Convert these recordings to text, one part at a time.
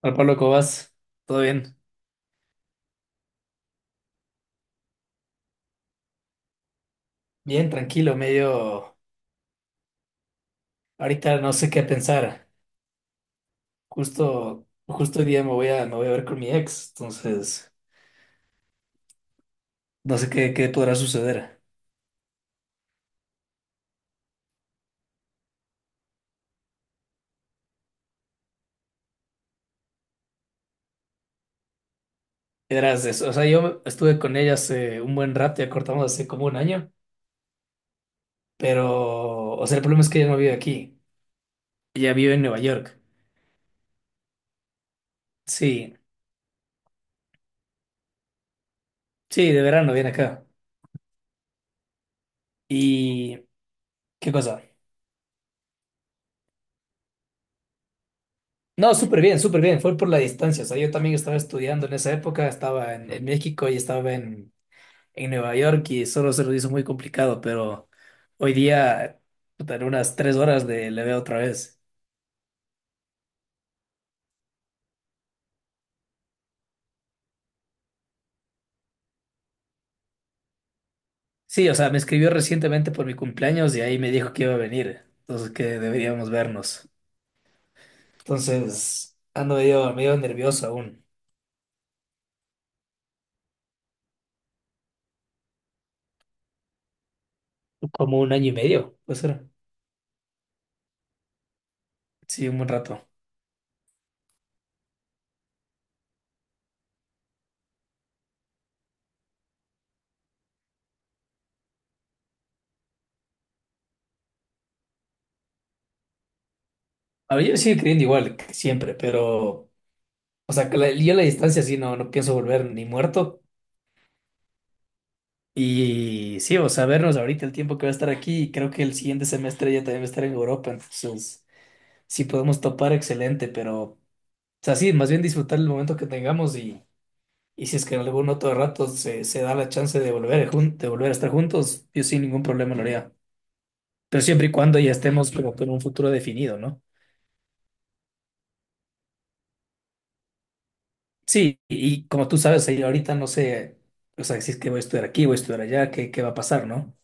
Hola Pablo, ¿cómo vas? ¿Todo bien? Bien, tranquilo, medio... Ahorita no sé qué pensar. Justo hoy día me voy a ver con mi ex, entonces no sé qué podrá suceder. Verás, yo estuve con ella hace un buen rato, ya cortamos hace como un año, pero, o sea, el problema es que ella no vive aquí, ella vive en Nueva York. Sí, sí, de verano viene acá. ¿Y qué cosa? No, súper bien, fue por la distancia, o sea, yo también estaba estudiando en esa época, estaba en México y estaba en Nueva York y solo se nos hizo muy complicado, pero hoy día, puta, en unas 3 horas le veo otra vez. Sí, o sea, me escribió recientemente por mi cumpleaños y ahí me dijo que iba a venir, entonces que deberíamos vernos. Entonces, ando medio nervioso aún. Como un año y medio, puede ser. Sí, un buen rato. A ver, yo sigo creyendo igual que siempre, pero, o sea, yo la distancia sí no pienso volver ni muerto. Y sí, o sea, vernos ahorita el tiempo que va a estar aquí, y creo que el siguiente semestre ya también va a estar en Europa, entonces sí podemos topar excelente, pero, o sea, sí, más bien disfrutar el momento que tengamos y si es que en algún otro rato se da la chance de volver, de volver a estar juntos, yo sin ningún problema lo haría, pero siempre y cuando ya estemos como con un futuro definido, ¿no? Sí, y, como tú sabes, ahí ahorita no sé, o sea, si es que voy a estudiar aquí, voy a estudiar allá, ¿qué, qué va a pasar, ¿no?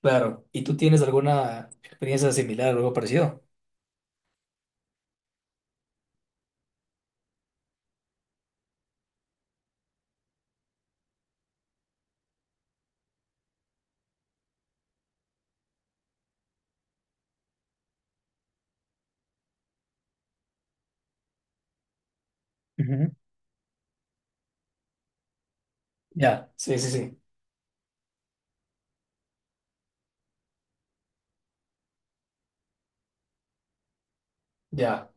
Claro, ¿y tú tienes alguna experiencia similar o algo parecido? Ujú. Ya, sí, sí, sí. Ya.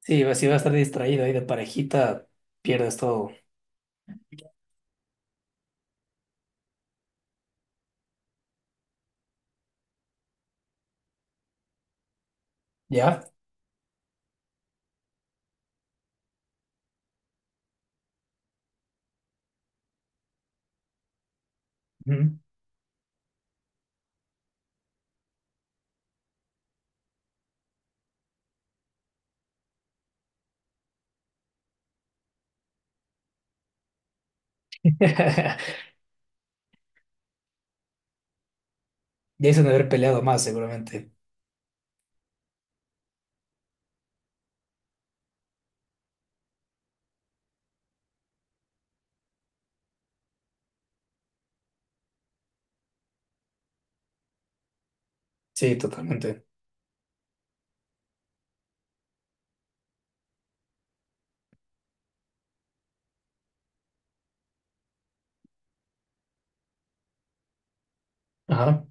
Sí, si va a estar distraído ahí de parejita, pierdes todo. ¿Ya? Ujú. Ya hizo de haber peleado más, seguramente. Sí, totalmente. Ajá.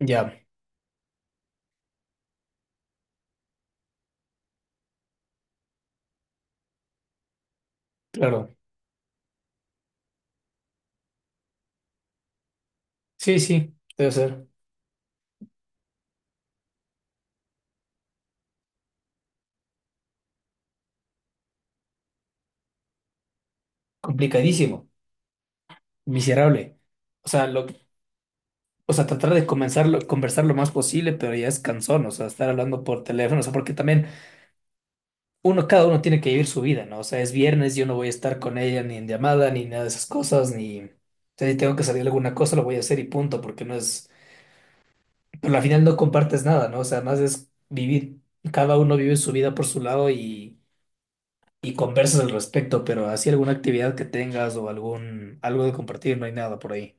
Ya, claro. Sí, sí, debe ser. Complicadísimo. Miserable. O sea, o sea, tratar de comenzarlo conversar lo más posible, pero ya es cansón. O sea, estar hablando por teléfono. O sea, porque también uno, cada uno tiene que vivir su vida, ¿no? O sea, es viernes, yo no voy a estar con ella ni en llamada, ni nada de esas cosas, ni... O sea, si tengo que salir a alguna cosa, lo voy a hacer y punto, porque no es... Pero al final no compartes nada, ¿no? O sea, más es vivir, cada uno vive su vida por su lado y conversas al respecto, pero así alguna actividad que tengas o algún, algo de compartir, no hay nada por ahí.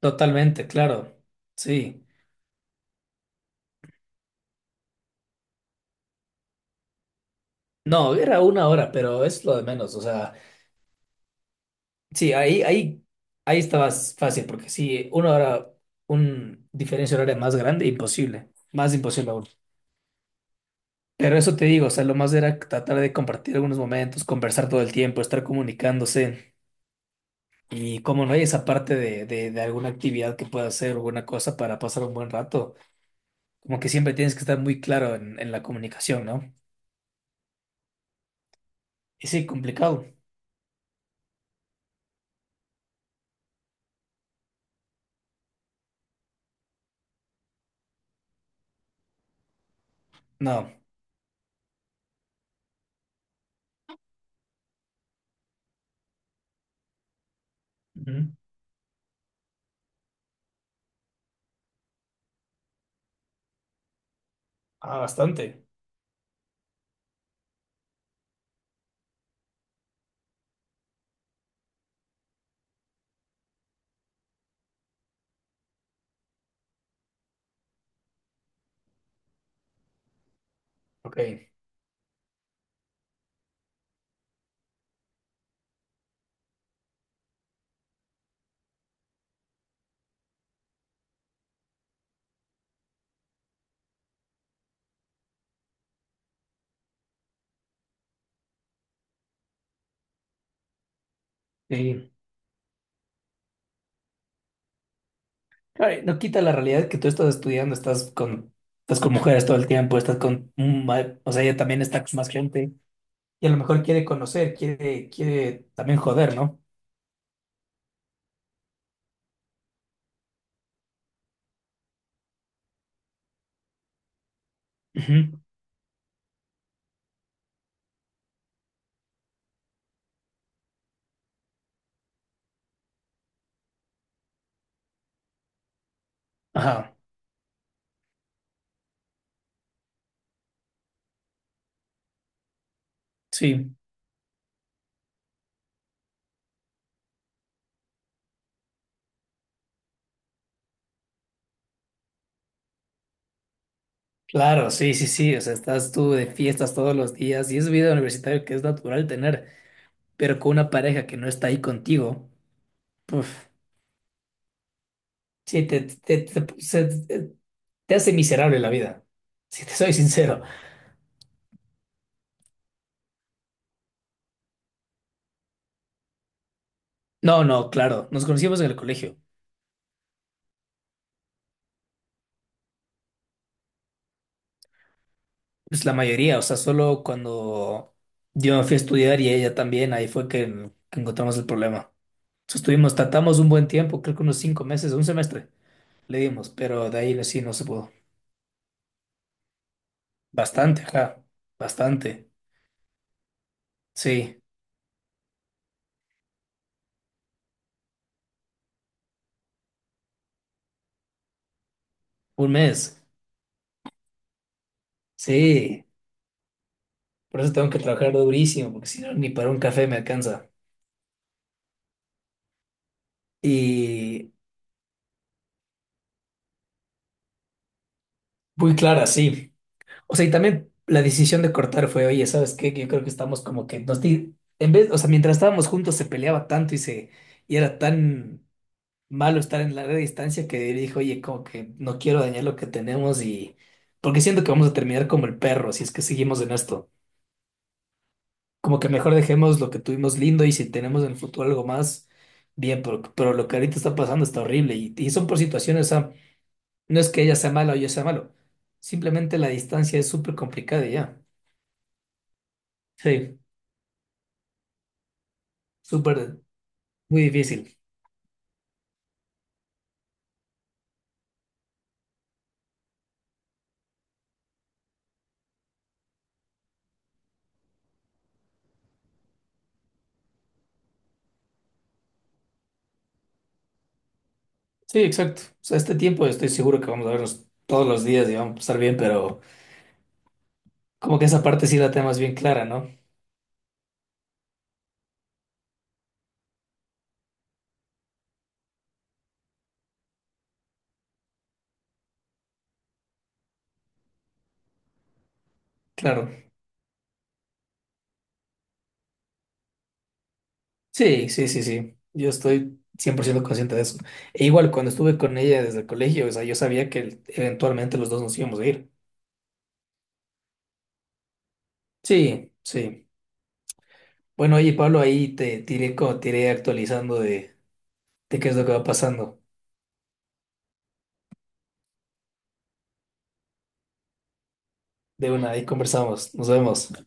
Totalmente, claro. Sí. No, era una hora, pero es lo de menos, o sea... Sí, ahí estabas fácil, porque si uno ahora un diferencia horaria más grande, imposible, más imposible aún. Pero eso te digo, o sea, lo más era tratar de compartir algunos momentos, conversar todo el tiempo, estar comunicándose. Y como no hay esa parte de alguna actividad que pueda hacer, alguna cosa para pasar un buen rato, como que siempre tienes que estar muy claro en la comunicación, ¿no? Y sí, complicado. No. Ujú. Ah, bastante. Ok. Sí. Ay, no quita la realidad que tú estás estudiando, estás con mujeres todo el tiempo, estás con, o sea, ella también está con más gente y a lo mejor quiere conocer, quiere también joder, ¿no? Ujú. Ajá, sí, claro, sí, sí, sí, o sea, estás tú de fiestas todos los días y es vida universitaria que es natural tener, pero con una pareja que no está ahí contigo, puf, sí, te hace miserable la vida, si te soy sincero. No, no, claro, nos conocimos en el colegio. Pues la mayoría, o sea, solo cuando yo me fui a estudiar y ella también, ahí fue que encontramos el problema. Entonces estuvimos, tratamos un buen tiempo, creo que unos 5 meses, un semestre le dimos, pero de ahí sí no se pudo. Bastante, ajá, bastante. Sí, un mes. Sí, por eso tengo que trabajar durísimo, porque si no, ni para un café me alcanza. Y muy clara, sí. O sea, y también la decisión de cortar fue, oye, ¿sabes qué? Que Yo creo que estamos como que en vez, o sea, mientras estábamos juntos se peleaba tanto y era tan malo estar en larga distancia que dijo, oye, como que no quiero dañar lo que tenemos y porque siento que vamos a terminar como el perro si es que seguimos en esto. Como que mejor dejemos lo que tuvimos lindo y si tenemos en el futuro algo más, bien, pero lo que ahorita está pasando está horrible y son por situaciones, o sea, no es que ella sea mala o yo sea malo, simplemente la distancia es súper complicada y ya. Sí. Súper, muy difícil. Sí, exacto. O sea, este tiempo estoy seguro que vamos a vernos todos los días y vamos a estar bien, pero como que esa parte sí la tenemos bien clara, ¿no? Claro. Sí, sí, sí, sí. Yo estoy 100% consciente de eso. E igual, cuando estuve con ella desde el colegio, o sea, yo sabía que eventualmente los dos nos íbamos a ir. Sí, sí. Bueno, oye, Pablo, ahí te tiré, te iré actualizando de qué es lo que va pasando. De una, ahí conversamos. Nos vemos.